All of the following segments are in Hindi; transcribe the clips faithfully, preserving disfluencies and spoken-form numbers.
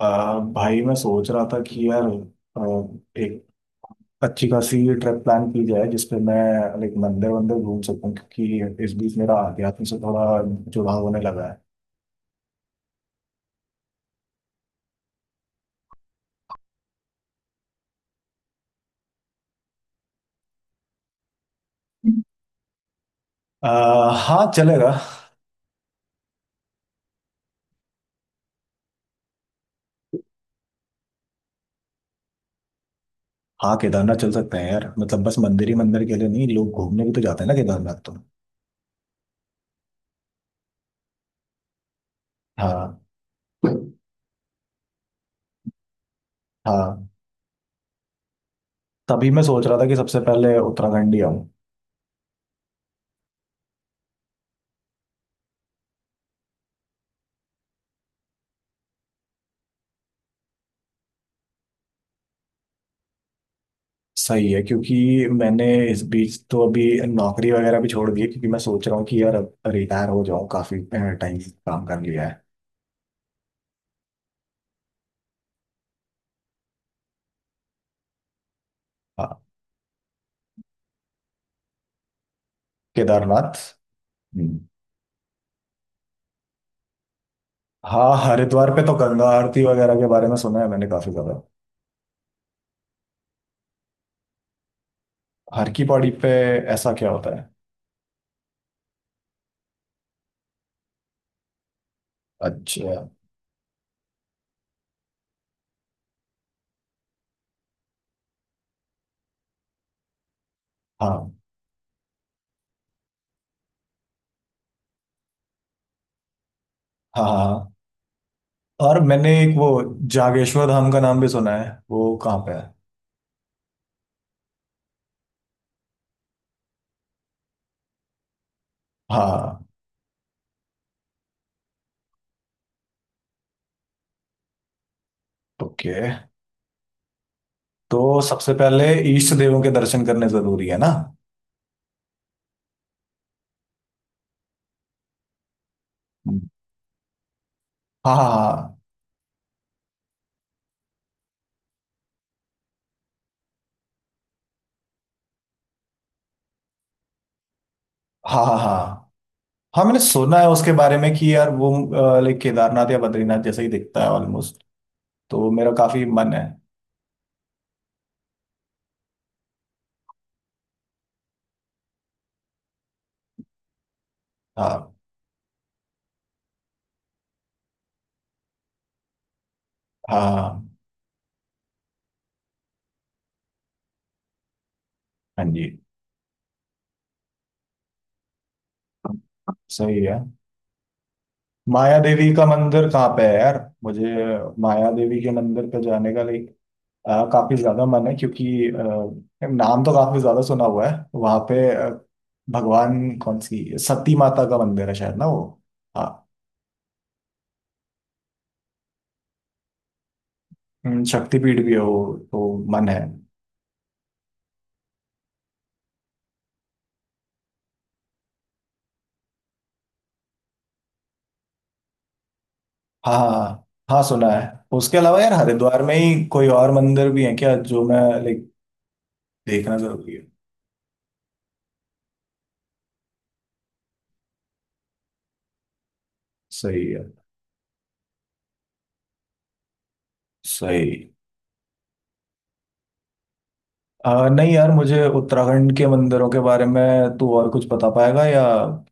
आ, भाई मैं सोच रहा था कि यार आ, एक अच्छी खासी ट्रिप प्लान की जाए जिसपे मैं लाइक मंदिर वंदिर घूम सकूं, क्योंकि इस बीच मेरा आध्यात्म से थोड़ा जुड़ाव होने लगा है। आ, हाँ चलेगा। हाँ केदारनाथ चल सकते हैं यार, मतलब बस मंदिर ही मंदिर के लिए नहीं, लोग घूमने भी तो जाते हैं ना केदारनाथ तो। हाँ हाँ। तभी मैं सोच रहा था कि सबसे पहले उत्तराखंड ही आऊं। सही है, क्योंकि मैंने इस बीच तो अभी नौकरी वगैरह भी छोड़ दी है, क्योंकि मैं सोच रहा हूँ कि यार अब रिटायर हो जाऊँ, काफी टाइम काम कर लिया है। हाँ केदारनाथ। हम्म। हाँ हरिद्वार पे तो गंगा आरती वगैरह के बारे में सुना है मैंने काफी ज्यादा। हर की पौड़ी पे ऐसा क्या होता है? अच्छा। हाँ हाँ हाँ। और मैंने एक वो जागेश्वर धाम का नाम भी सुना है, वो कहाँ पे है? हाँ। ओके। तो सबसे पहले ईष्ट देवों के दर्शन करने जरूरी है ना। हम्म। हाँ हाँ हाँ। हाँ हाँ हाँ। हाँ मैंने सुना है उसके बारे में कि यार वो लाइक केदारनाथ या बद्रीनाथ जैसा ही दिखता है ऑलमोस्ट, तो मेरा काफी मन है। हाँ हाँ हाँ। हाँ जी। सही है। माया देवी का मंदिर कहाँ पे है यार? मुझे माया देवी के मंदिर पे जाने का लाइक काफी ज्यादा मन है, क्योंकि अ, नाम तो काफी ज्यादा सुना हुआ है वहाँ पे अ, भगवान कौन सी सती माता का मंदिर है शायद ना वो। हाँ। हम्म, शक्तिपीठ भी है वो तो मन है। हाँ हाँ हाँ, सुना है। उसके अलावा यार हरिद्वार में ही कोई और मंदिर भी है क्या जो मैं लाइक देखना जरूरी है? सही है। सही। आ, नहीं यार, मुझे उत्तराखंड के मंदिरों के बारे में तू और कुछ बता पाएगा या? हाँ।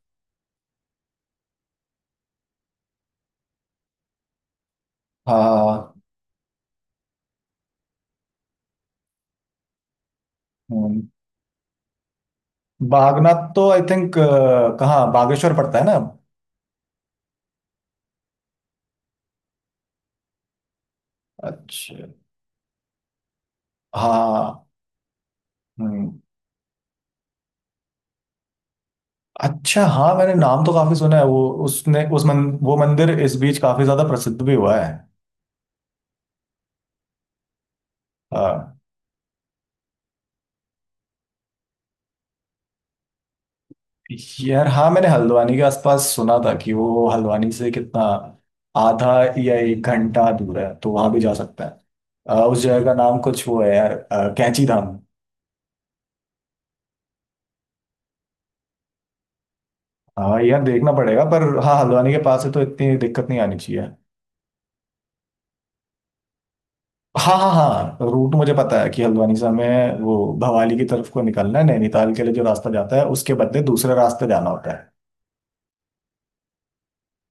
हाँ, हाँ। हम्म। बागनाथ तो आई थिंक कहाँ बागेश्वर पड़ता है ना। अच्छा। हाँ। हम्म। अच्छा हाँ मैंने नाम तो काफी सुना है, वो उसने उस मन, वो मंदिर इस बीच काफी ज्यादा प्रसिद्ध भी हुआ है। हाँ। यार हाँ मैंने हल्द्वानी के आसपास सुना था कि वो हल्द्वानी से कितना आधा या एक घंटा दूर है, तो वहां भी जा सकते हैं। अ, उस जगह का नाम कुछ वो है यार अ, कैंची धाम। हाँ यार देखना पड़ेगा, पर हाँ हल्द्वानी के पास है तो इतनी दिक्कत नहीं आनी चाहिए। हाँ हाँ हाँ रूट मुझे पता है कि हल्द्वानी से हमें वो भवाली की तरफ को निकलना है, नैनीताल के लिए जो रास्ता जाता है उसके बदले दूसरे रास्ते जाना होता है।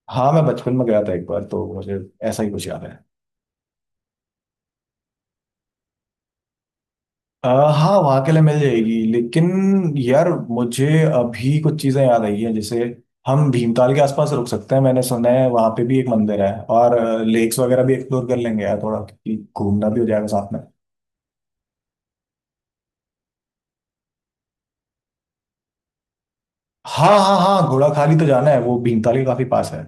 हाँ मैं बचपन में गया था एक बार, तो मुझे ऐसा ही कुछ याद है। अ, हाँ वहाँ के लिए मिल जाएगी, लेकिन यार मुझे अभी कुछ चीज़ें याद आई हैं, जैसे हम भीमताल के आसपास रुक सकते हैं, मैंने सुना है वहाँ पे भी एक मंदिर है। और लेक्स वगैरह भी एक्सप्लोर कर लेंगे यार थोड़ा, क्योंकि घूमना भी हो जाएगा साथ में। हाँ हाँ हाँ घोड़ाखाली तो जाना है, वो भीमताल के काफ़ी पास है।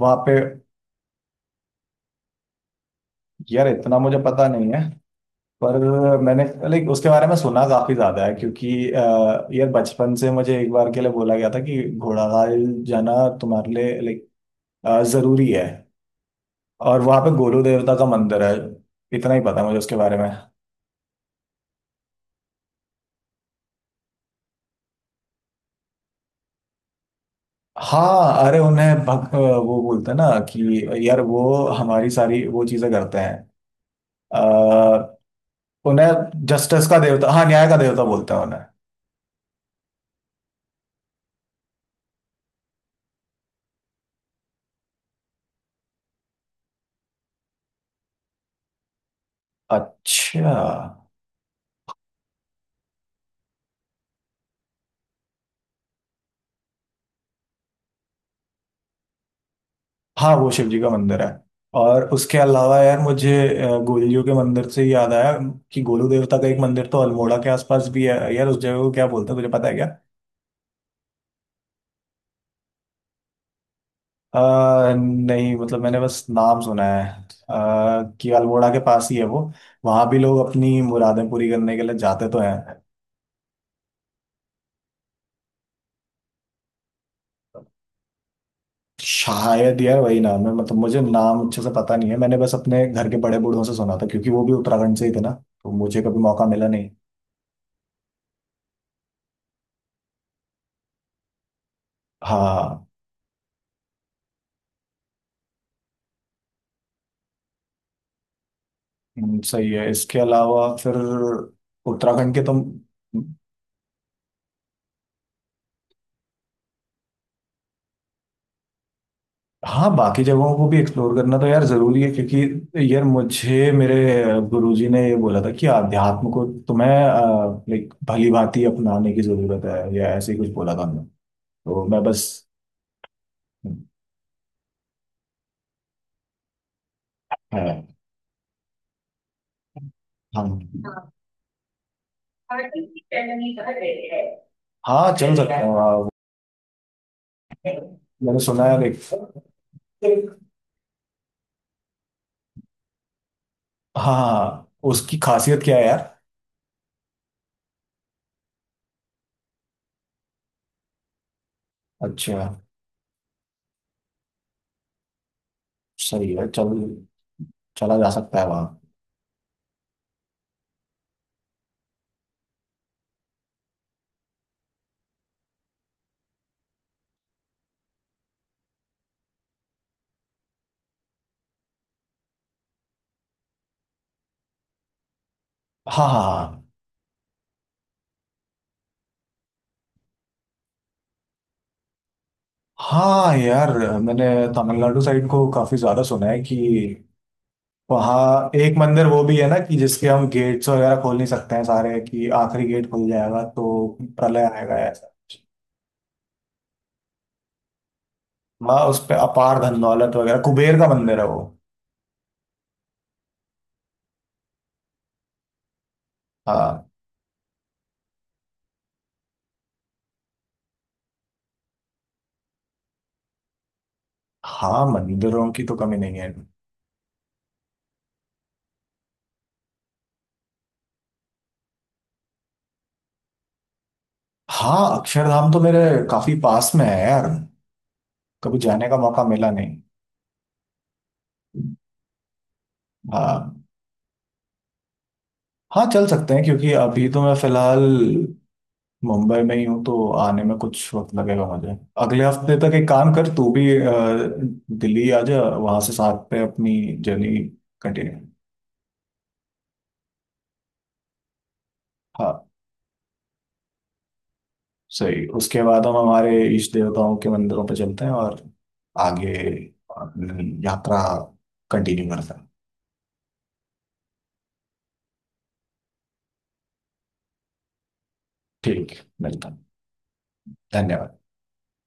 वहाँ पे यार इतना मुझे पता नहीं है, पर मैंने लाइक उसके बारे में सुना काफ़ी ज़्यादा है, क्योंकि अ, यार बचपन से मुझे एक बार के लिए बोला गया था कि घोड़ाखाल जाना तुम्हारे लिए लाइक ज़रूरी है। और वहां पे गोलू देवता का मंदिर है। इतना ही पता है मुझे उसके बारे में। हाँ अरे उन्हें भग, वो बोलते हैं ना कि यार वो हमारी सारी वो चीजें करते हैं। अ, उन्हें जस्टिस का देवता, हाँ न्याय का देवता बोलते हैं उन्हें। अच्छा। हाँ वो शिव जी का मंदिर है। और उसके अलावा यार मुझे अ, गोलू जी के मंदिर से ही याद आया कि गोलू देवता का एक मंदिर तो अल्मोड़ा के आसपास भी है यार, उस जगह को क्या बोलते हैं तुझे पता है क्या? आ, नहीं मतलब मैंने बस नाम सुना है आ, कि अल्मोड़ा के पास ही है वो। वहां भी लोग अपनी मुरादें पूरी करने के लिए जाते तो हैं। शायद यार वही नाम है, मतलब मुझे नाम अच्छे से पता नहीं है, मैंने बस अपने घर के बड़े बूढ़ों से सुना था क्योंकि वो भी उत्तराखंड से ही थे ना, तो मुझे कभी मौका मिला नहीं। हाँ। हम्म, सही है, इसके अलावा फिर उत्तराखंड के तो। हाँ बाकी जगहों को भी एक्सप्लोर करना तो यार जरूरी है, क्योंकि यार मुझे मेरे गुरुजी ने ये बोला था कि आध्यात्म को तुम्हें लाइक भली भांति अपनाने की जरूरत है या ऐसे ही कुछ बोला था उन्होंने। तो मैं बस है। हम। हाँ चल सकते हैं हाँ, वो- मैंने सुना है लाइक। हाँ उसकी खासियत क्या है यार? अच्छा। सही है चल। चला जा सकता है वहाँ। हाँ हाँ हाँ। हाँ यार मैंने तमिलनाडु साइड को काफी ज्यादा सुना है कि वहाँ एक मंदिर वो भी है ना कि जिसके हम गेट्स वगैरह खोल नहीं सकते हैं सारे, कि आखिरी गेट खुल जाएगा तो प्रलय आएगा ऐसा। वहाँ उस पे अपार धन दौलत वगैरह, कुबेर का मंदिर है वो। हाँ। हाँ मंदिरों की तो कमी नहीं है। हाँ अक्षरधाम तो मेरे काफी पास में है यार, कभी जाने का मौका मिला नहीं। हाँ। हाँ चल सकते हैं, क्योंकि अभी तो मैं फिलहाल मुंबई में ही हूँ, तो आने में कुछ वक्त लगेगा मुझे। अगले हफ्ते तक एक काम कर, तू भी अ, दिल्ली आ जा, वहां से साथ पे अपनी जर्नी कंटिन्यू। हाँ। सही, उसके बाद हम हमारे इष्ट देवताओं के मंदिरों पर चलते हैं और आगे अपनी यात्रा कंटिन्यू करते हैं। ठीक। मिलता है। धन्यवाद।